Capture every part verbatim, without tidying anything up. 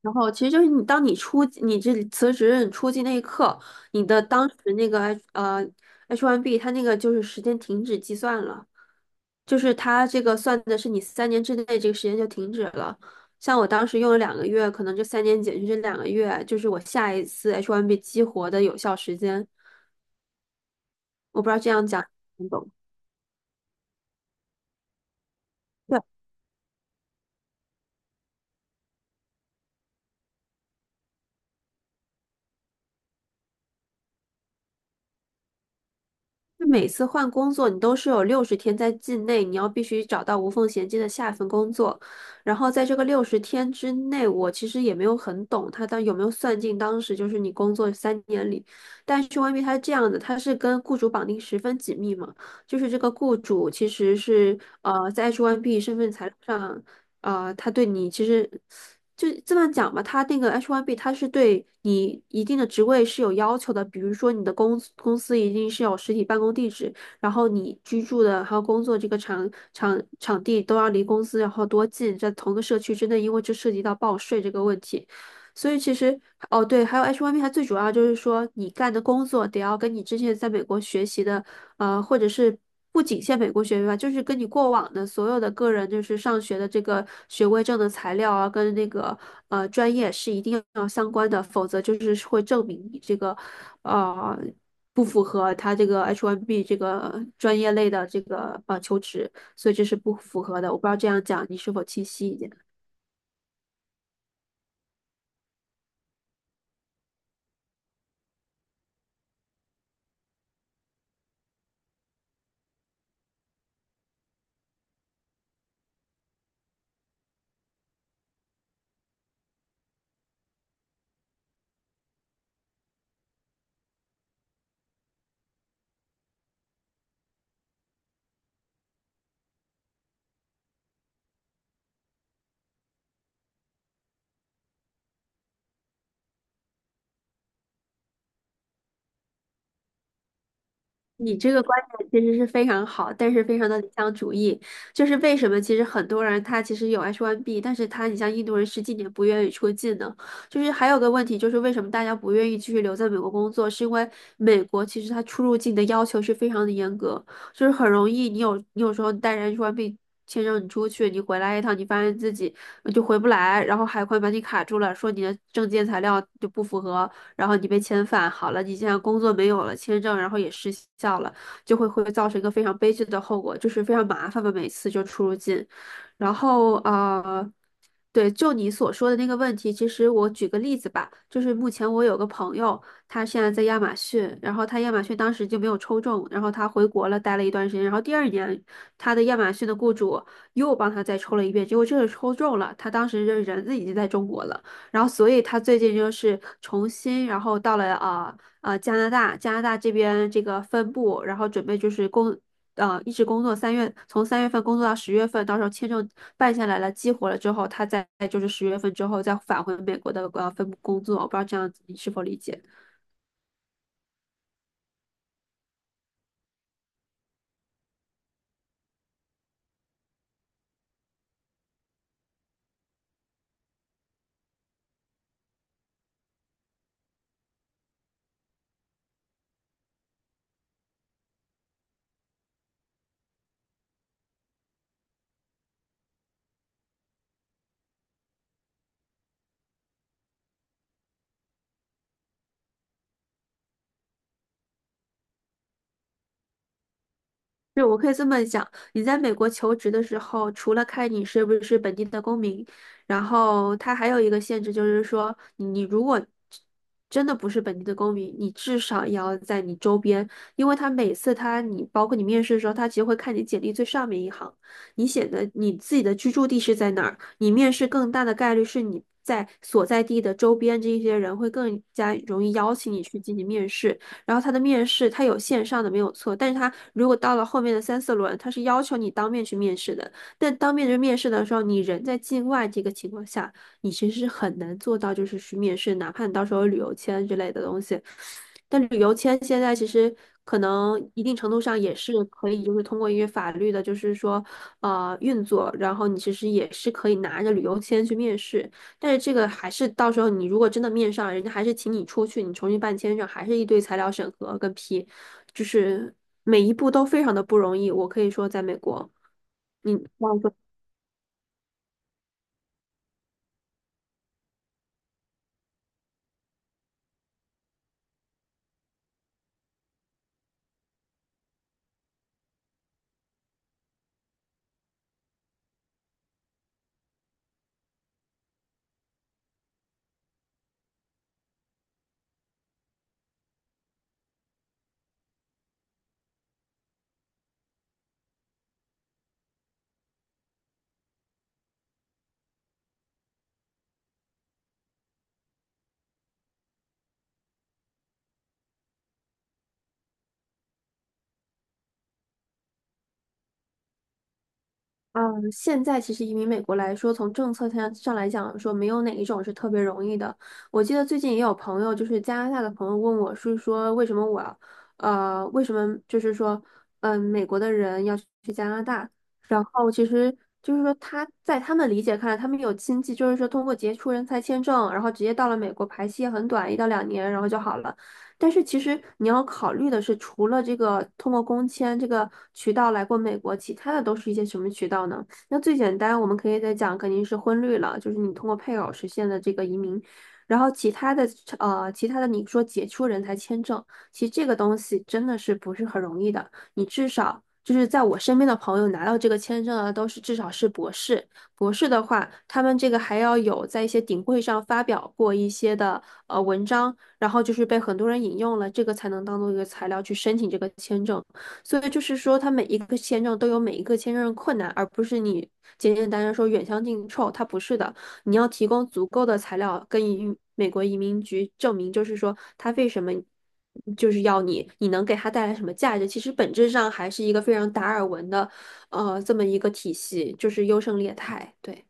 然后其实就是你，当你出你这辞职，你出境那一刻，你的当时那个 H 呃 H 一 B，它那个就是时间停止计算了，就是它这个算的是你三年之内这个时间就停止了。像我当时用了两个月，可能这三年减去这两个月，就是我下一次 H 一 B 激活的有效时间。我不知道这样讲你懂。就每次换工作，你都是有六十天在境内，你要必须找到无缝衔接的下一份工作。然后在这个六十天之内，我其实也没有很懂他当有没有算进当时就是你工作三年里，但是 Y B 它是这样的，它是跟雇主绑定十分紧密嘛，就是这个雇主其实是呃在 H 一 B 身份材料上。呃，他对你其实就这么讲吧，他那个 H 一 B 他是对你一定的职位是有要求的，比如说你的公司公司一定是有实体办公地址，然后你居住的还有工作这个场场场地都要离公司然后多近，在同个社区之内，因为这涉及到报税这个问题。所以其实哦，对，还有 H 一 B，它最主要就是说你干的工作得要跟你之前在美国学习的，呃，或者是不仅限美国学位吧，就是跟你过往的所有的个人就是上学的这个学位证的材料啊，跟那个呃专业是一定要相关的，否则就是会证明你这个呃不符合他这个 H 一 B 这个专业类的这个呃求职，所以这是不符合的。我不知道这样讲你是否清晰一点。你这个观点其实是非常好，但是非常的理想主义。就是为什么其实很多人他其实有 H 一 B,但是他你像印度人十几年不愿意出境呢？就是还有个问题就是为什么大家不愿意继续留在美国工作，是因为美国其实它出入境的要求是非常的严格，就是很容易你有你有时候带着 H 一 B 签证你出去，你回来一趟，你发现自己就回不来，然后海关把你卡住了，说你的证件材料就不符合，然后你被遣返好了，你现在工作没有了，签证然后也失效了，就会会造成一个非常悲剧的后果，就是非常麻烦嘛，每次就出入境。然后呃，对，就你所说的那个问题，其实我举个例子吧，就是目前我有个朋友，他现在在亚马逊，然后他亚马逊当时就没有抽中，然后他回国了，待了一段时间，然后第二年他的亚马逊的雇主又帮他再抽了一遍，结果这次抽中了，他当时这人已经在中国了。然后所以他最近就是重新，然后到了呃呃加拿大，加拿大这边这个分部，然后准备就是工呃一直工作三月，从三月份工作到十月份，到时候签证办下来了，激活了之后，他再就是十月份之后再返回美国的呃分部工作，我不知道这样子你是否理解。是，我可以这么讲，你在美国求职的时候，除了看你是不是本地的公民，然后它还有一个限制，就是说你你如果真的不是本地的公民，你至少也要在你周边，因为他每次他你包括你面试的时候，他其实会看你简历最上面一行，你写的你自己的居住地是在哪儿，你面试更大的概率是你在所在地的周边这一些人会更加容易邀请你去进行面试。然后他的面试他有线上的没有错，但是他如果到了后面的三四轮，他是要求你当面去面试的。但当面去面试的时候，你人在境外这个情况下，你其实是很难做到就是去面试，哪怕你到时候有旅游签之类的东西。但旅游签现在其实可能一定程度上也是可以，就是通过一些法律的，就是说呃运作，然后你其实也是可以拿着旅游签去面试。但是这个还是到时候你如果真的面上，人家还是请你出去，你重新办签证，还是一堆材料审核跟批，就是每一步都非常的不容易。我可以说，在美国，你这样说嗯，现在其实移民美国来说，从政策上上来讲说，没有哪一种是特别容易的。我记得最近也有朋友，就是加拿大的朋友问我，是说为什么我要呃，为什么就是说，嗯，美国的人要去加拿大？然后其实就是说他在他们理解看来，他们有亲戚就是说通过杰出人才签证，然后直接到了美国，排期也很短，一到两年，然后就好了。但是其实你要考虑的是，除了这个通过工签这个渠道来过美国，其他的都是一些什么渠道呢？那最简单，我们可以再讲，肯定是婚绿了，就是你通过配偶实现的这个移民。然后其他的，呃，其他的你说解除人才签证，其实这个东西真的是不是很容易的。你至少就是在我身边的朋友拿到这个签证啊，都是至少是博士。博士的话，他们这个还要有在一些顶会上发表过一些的呃文章，然后就是被很多人引用了，这个才能当做一个材料去申请这个签证。所以就是说，它每一个签证都有每一个签证的困难，而不是你简简单单说远香近臭，它不是的。你要提供足够的材料跟移民美国移民局证明，就是说他为什么就是要你，你能给他带来什么价值？其实本质上还是一个非常达尔文的，呃，这么一个体系，就是优胜劣汰。对。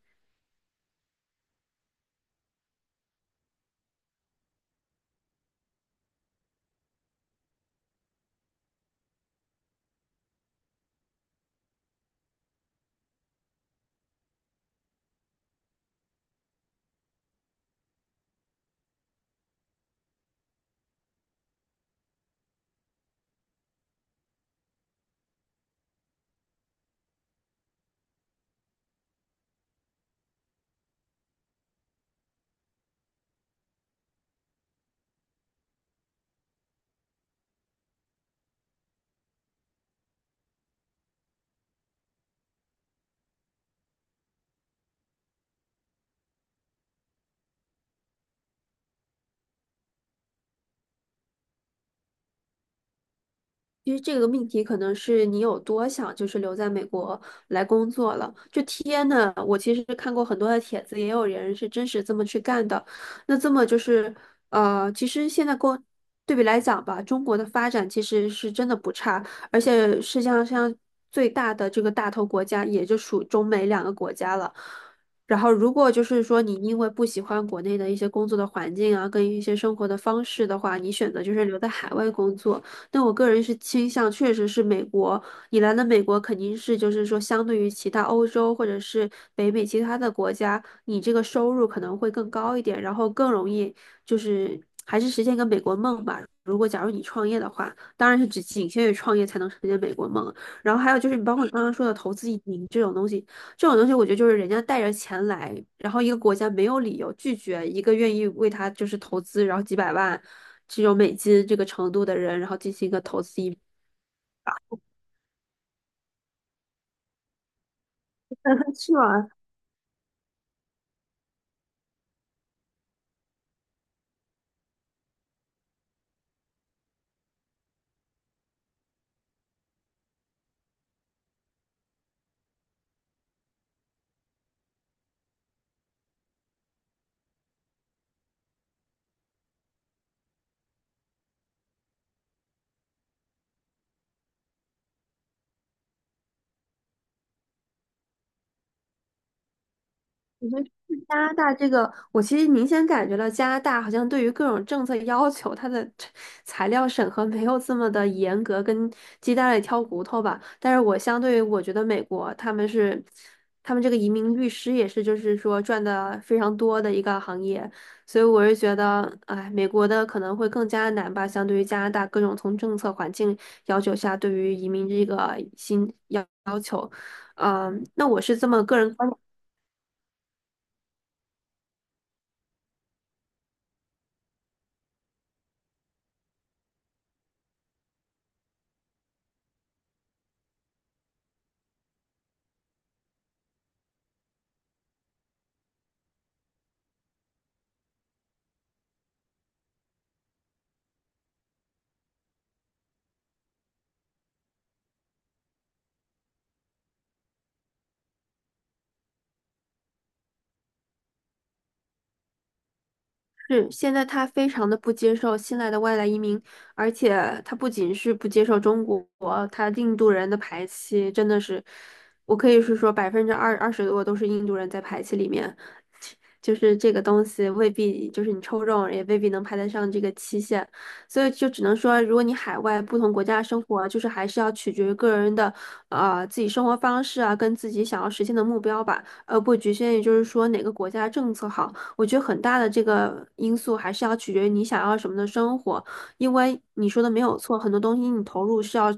因为这个命题可能是你有多想，就是留在美国来工作了。就天呐，我其实看过很多的帖子，也有人是真实这么去干的。那这么就是，呃，其实现在跟对比来讲吧，中国的发展其实是真的不差，而且世界上像最大的这个大头国家，也就属中美两个国家了。然后，如果就是说你因为不喜欢国内的一些工作的环境啊，跟一些生活的方式的话，你选择就是留在海外工作。但我个人是倾向，确实是美国，你来了美国肯定是就是说，相对于其他欧洲或者是北美其他的国家，你这个收入可能会更高一点，然后更容易就是还是实现一个美国梦吧。如果假如你创业的话，当然是只仅限于创业才能实现美国梦。然后还有就是你包括你刚刚说的投资移民这种东西，这种东西我觉得就是人家带着钱来，然后一个国家没有理由拒绝一个愿意为他就是投资，然后几百万。只有美金这个程度的人，然后进行一个投资移民。是啊，我觉得加拿大这个，我其实明显感觉到加拿大好像对于各种政策要求，它的这材料审核没有这么的严格，跟鸡蛋里挑骨头吧。但是我相对于我觉得美国他们是，他们这个移民律师也是，就是说赚的非常多的一个行业，所以我是觉得，哎，美国的可能会更加难吧，相对于加拿大各种从政策环境要求下，对于移民这个新。要。嗯，那我是这么个人观是，现在他非常的不接受新来的外来移民，而且他不仅是不接受中国，他印度人的排期真的是，我可以是说百分之二二十多都是印度人在排期里面，就是这个东西未必就是你抽中也未必能排得上这个期限，所以就只能说，如果你海外不同国家生活，就是还是要取决于个人的啊自己生活方式啊，跟自己想要实现的目标吧，而不局限于就是说哪个国家政策好。我觉得很大的这个因素还是要取决于你想要什么的生活，因为你说的没有错，很多东西你投入是要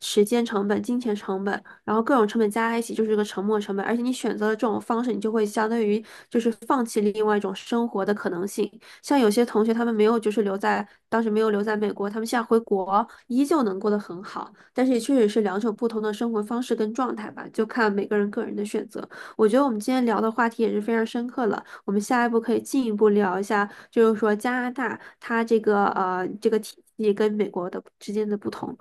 时间成本、金钱成本，然后各种成本加在一起就是个沉没成本，而且你选择了这种方式，你就会相当于就是放弃了另外一种生活的可能性。像有些同学他们没有就是留在当时没有留在美国，他们现在回国依旧能过得很好，但是也确实是两种不同的生活方式跟状态吧，就看每个人个人的选择。我觉得我们今天聊的话题也是非常深刻了。我们下一步可以进一步聊一下，就是说加拿大它这个呃这个体系跟美国的之间的不同。